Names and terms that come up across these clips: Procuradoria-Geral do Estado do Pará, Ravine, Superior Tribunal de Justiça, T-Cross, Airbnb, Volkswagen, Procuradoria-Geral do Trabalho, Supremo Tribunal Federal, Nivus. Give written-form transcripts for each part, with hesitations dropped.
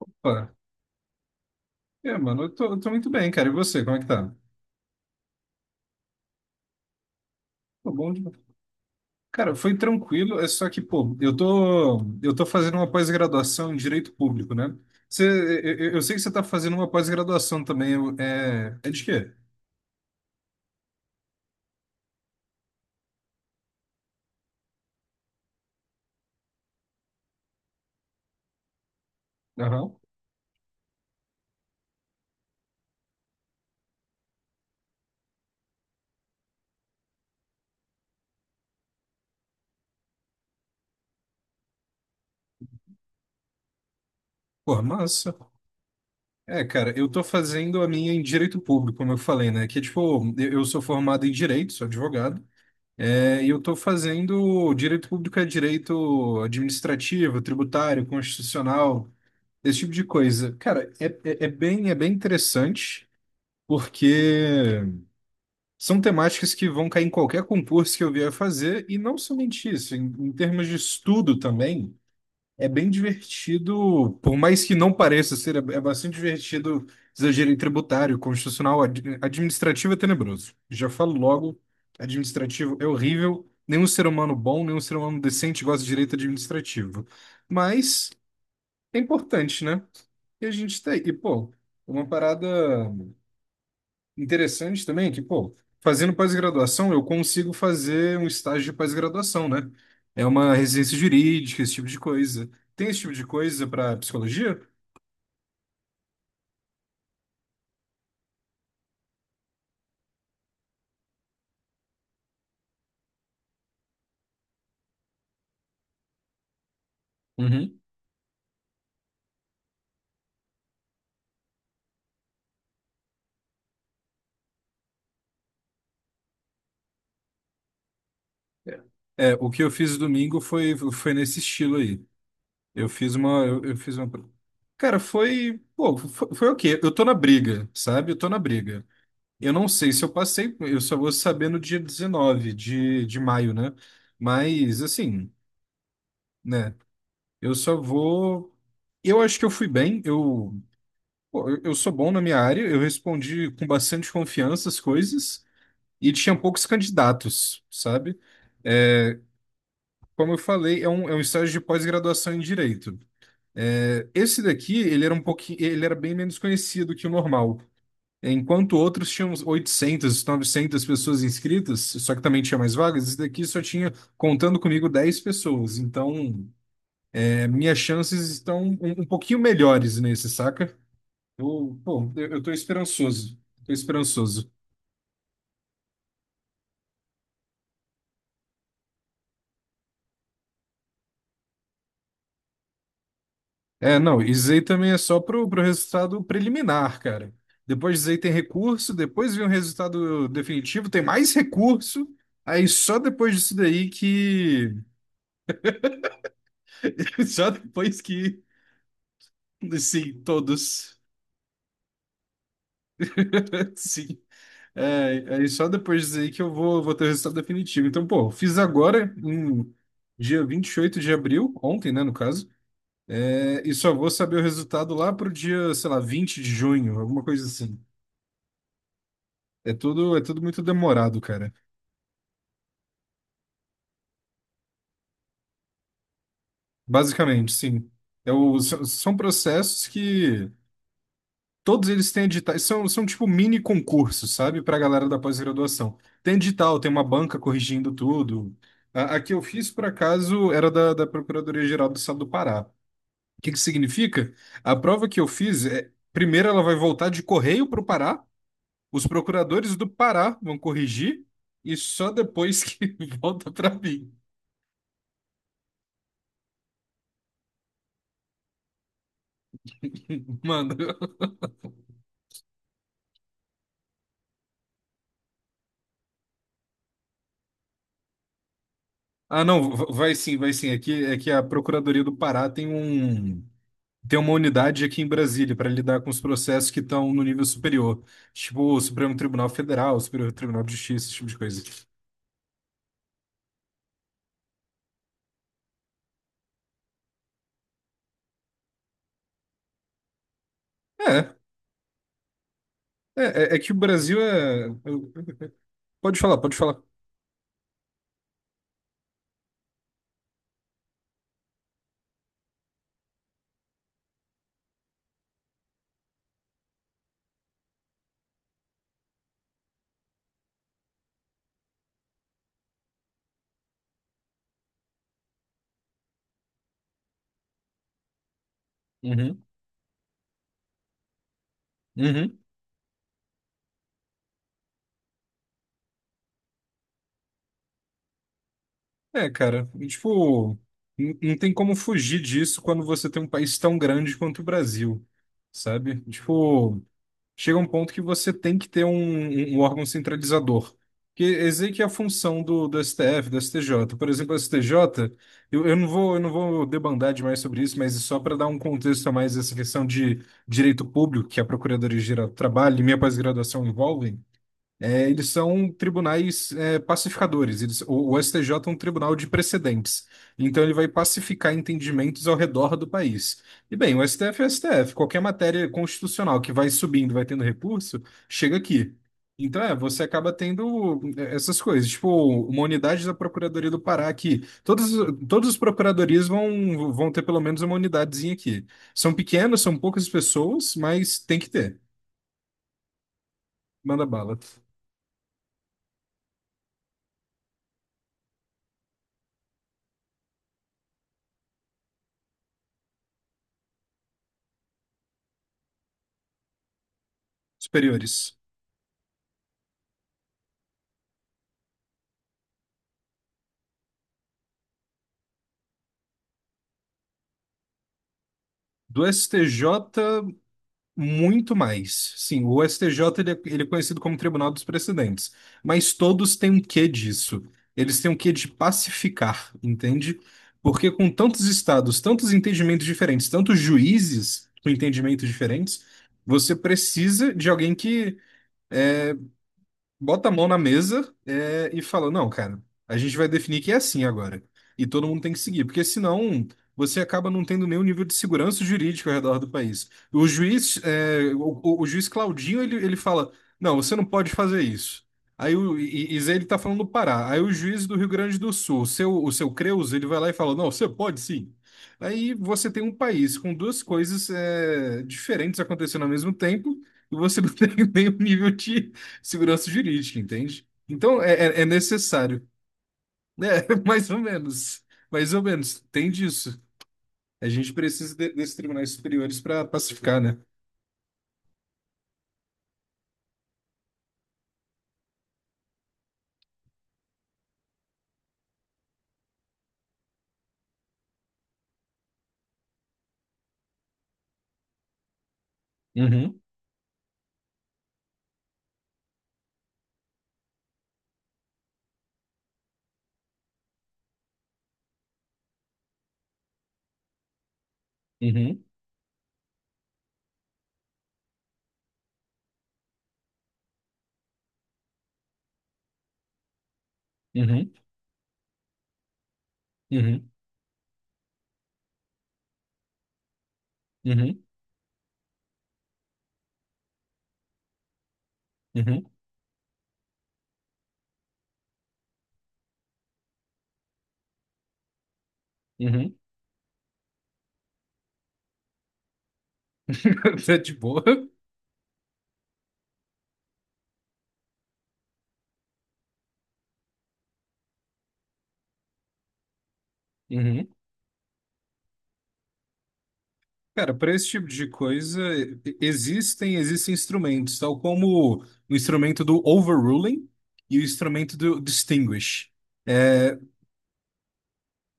Opa. É, mano, eu tô muito bem, cara. E você, como é que tá? Pô, bom demais. Cara, foi tranquilo, é só que, pô, eu tô fazendo uma pós-graduação em Direito Público, né? Você, eu sei que você tá fazendo uma pós-graduação também, é de quê? Aham. Pô, massa. É, cara, eu tô fazendo a minha em Direito Público, como eu falei, né? Que, é, tipo, eu sou formado em Direito, sou advogado, é, e eu tô fazendo Direito Público é Direito Administrativo, Tributário, Constitucional. Esse tipo de coisa. Cara, é bem interessante, porque são temáticas que vão cair em qualquer concurso que eu vier fazer, e não somente isso, em termos de estudo também, é bem divertido, por mais que não pareça ser, é bastante divertido exagero em tributário, constitucional, administrativo é tenebroso. Já falo logo, administrativo é horrível, nenhum ser humano bom, nenhum ser humano decente gosta de direito administrativo. Mas é importante, né? E a gente tá aí. E, pô, uma parada interessante também é que, pô, fazendo pós-graduação, eu consigo fazer um estágio de pós-graduação, né? É uma residência jurídica, esse tipo de coisa. Tem esse tipo de coisa para psicologia? Uhum. É, É, o que eu fiz domingo foi nesse estilo aí. Eu fiz uma. Cara, foi, pô, foi o quê? Eu tô na briga, sabe? Eu tô na briga. Eu não sei se eu passei, eu só vou saber no dia 19 de maio, né? Mas, assim, né? Eu só vou. Eu acho que eu fui bem, eu, pô, eu sou bom na minha área, eu respondi com bastante confiança as coisas e tinha poucos candidatos, sabe? É, como eu falei, é um estágio de pós-graduação em direito. É, esse daqui, ele era um pouquinho, ele era bem menos conhecido que o normal. Enquanto outros tinham uns 800, 900 pessoas inscritas, só que também tinha mais vagas, esse daqui só tinha, contando comigo, 10 pessoas. Então, é, minhas chances estão um pouquinho melhores nesse, saca? Eu, pô, eu tô esperançoso. Tô esperançoso. É, não, e Zay também é só pro resultado preliminar, cara. Depois de Zay tem recurso, depois vem o resultado definitivo, tem mais recurso. Aí só depois disso daí que. Só depois que. Sim, todos. Sim. É, aí só depois disso aí que eu vou ter o resultado definitivo. Então, pô, fiz agora, em dia 28 de abril, ontem, né, no caso, é, e só vou saber o resultado lá pro dia, sei lá, 20 de junho, alguma coisa assim. É tudo muito demorado, cara. Basicamente, sim. São processos que todos eles têm editais, são tipo mini concursos, sabe, para a galera da pós-graduação. Tem edital, tem uma banca corrigindo tudo. A que eu fiz, por acaso, era da Procuradoria-Geral do Estado do Pará. O que que significa? A prova que eu fiz, é, primeiro ela vai voltar de correio para o Pará, os procuradores do Pará vão corrigir, e só depois que volta para mim. Mano, ah, não, vai sim, vai sim. É que a Procuradoria do Pará tem um. Tem uma unidade aqui em Brasília para lidar com os processos que estão no nível superior, tipo o Supremo Tribunal Federal, o Superior Tribunal de Justiça, esse tipo de coisa. É, é, é que o Brasil é. Pode falar, pode falar. Uhum, uhum. É, cara, e, tipo, não tem como fugir disso quando você tem um país tão grande quanto o Brasil, sabe? Tipo. Chega um ponto que você tem que ter um órgão centralizador. Que esse aí que é a função do, STF, do STJ. Por exemplo, o STJ, eu não vou debandar demais sobre isso, mas só para dar um contexto a mais essa questão de direito público que a Procuradoria-Geral do Trabalho e minha pós-graduação envolvem, é, eles são tribunais é, pacificadores. O STJ é um tribunal de precedentes. Então ele vai pacificar entendimentos ao redor do país. E bem, o STF é o STF. Qualquer matéria constitucional que vai subindo, vai tendo recurso, chega aqui. Então é, você acaba tendo é, essas coisas. Tipo, uma unidade da Procuradoria do Pará que todos, todos os procuradorias vão ter pelo menos uma unidadezinha aqui. São pequenas, são poucas pessoas, mas tem que ter. Manda bala. Superiores. Do STJ, muito mais. Sim, o STJ ele é conhecido como Tribunal dos Precedentes, mas todos têm um quê disso. Eles têm um quê de pacificar, entende? Porque com tantos estados, tantos entendimentos diferentes, tantos juízes com entendimentos diferentes, você precisa de alguém que bota a mão na mesa, é, e fala: Não, cara, a gente vai definir que é assim agora. E todo mundo tem que seguir, porque senão você acaba não tendo nenhum nível de segurança jurídica ao redor do país. O juiz, é, o juiz Claudinho, ele fala: Não, você não pode fazer isso. Aí o Zé, ele tá falando do Pará. Aí o juiz do Rio Grande do Sul, o seu Creus, ele vai lá e fala: Não, você pode sim. Aí você tem um país com duas coisas diferentes acontecendo ao mesmo tempo, e você não tem nenhum nível de segurança jurídica, entende? Então é necessário, né? Mais ou menos, mais ou menos, tem disso. A gente precisa desses tribunais superiores para pacificar, né? Uhum, uhum, uhum, uhum, uhum, uhum, uhum. Tá de boa. Uhum. Cara, para esse tipo de coisa existem instrumentos, tal como o instrumento do overruling e o instrumento do distinguish. É,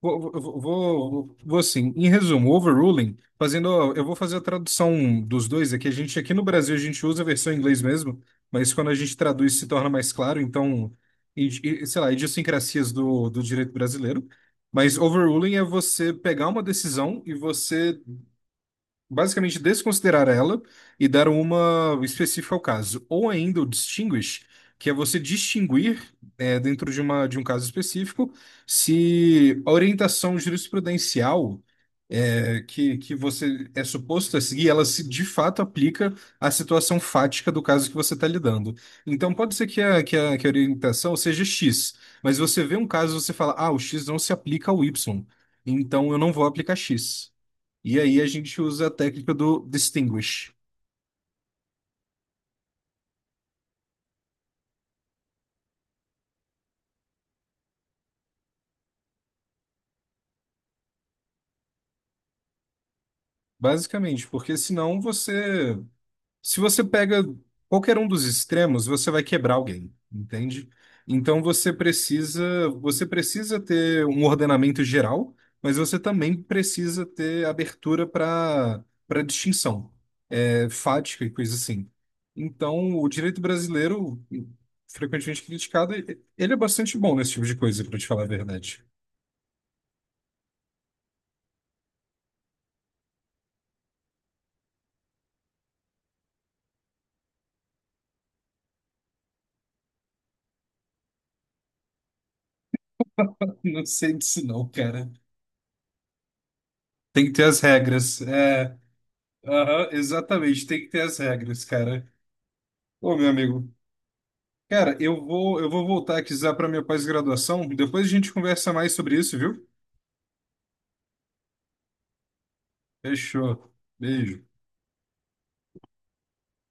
vou assim, em resumo, overruling, fazendo, eu vou fazer a tradução dos dois aqui. A gente aqui no Brasil a gente usa a versão em inglês mesmo, mas quando a gente traduz se torna mais claro, então, e- e, sei lá, idiosincrasias do direito brasileiro. Mas overruling é você pegar uma decisão e você basicamente desconsiderar ela e dar uma específica ao caso. Ou ainda o distinguish, que é você distinguir, é, dentro de um caso específico, se a orientação jurisprudencial é, que você é suposto a seguir, ela se de fato aplica à situação fática do caso que você está lidando. Então pode ser que a orientação seja X, mas você vê um caso e você fala, ah, o X não se aplica ao Y, então eu não vou aplicar X. E aí a gente usa a técnica do distinguish, basicamente, porque senão você, se você pega qualquer um dos extremos, você vai quebrar alguém, entende? Então você precisa ter um ordenamento geral, mas você também precisa ter abertura para distinção, é, fática e coisa assim. Então, o direito brasileiro, frequentemente criticado, ele é bastante bom nesse tipo de coisa, para te falar a verdade. Não sei disso não, cara. Tem que ter as regras. É, aham, exatamente, tem que ter as regras, cara. Ô, meu amigo, cara, eu vou voltar aqui já para minha pós-graduação. Depois a gente conversa mais sobre isso, viu? Fechou. Beijo.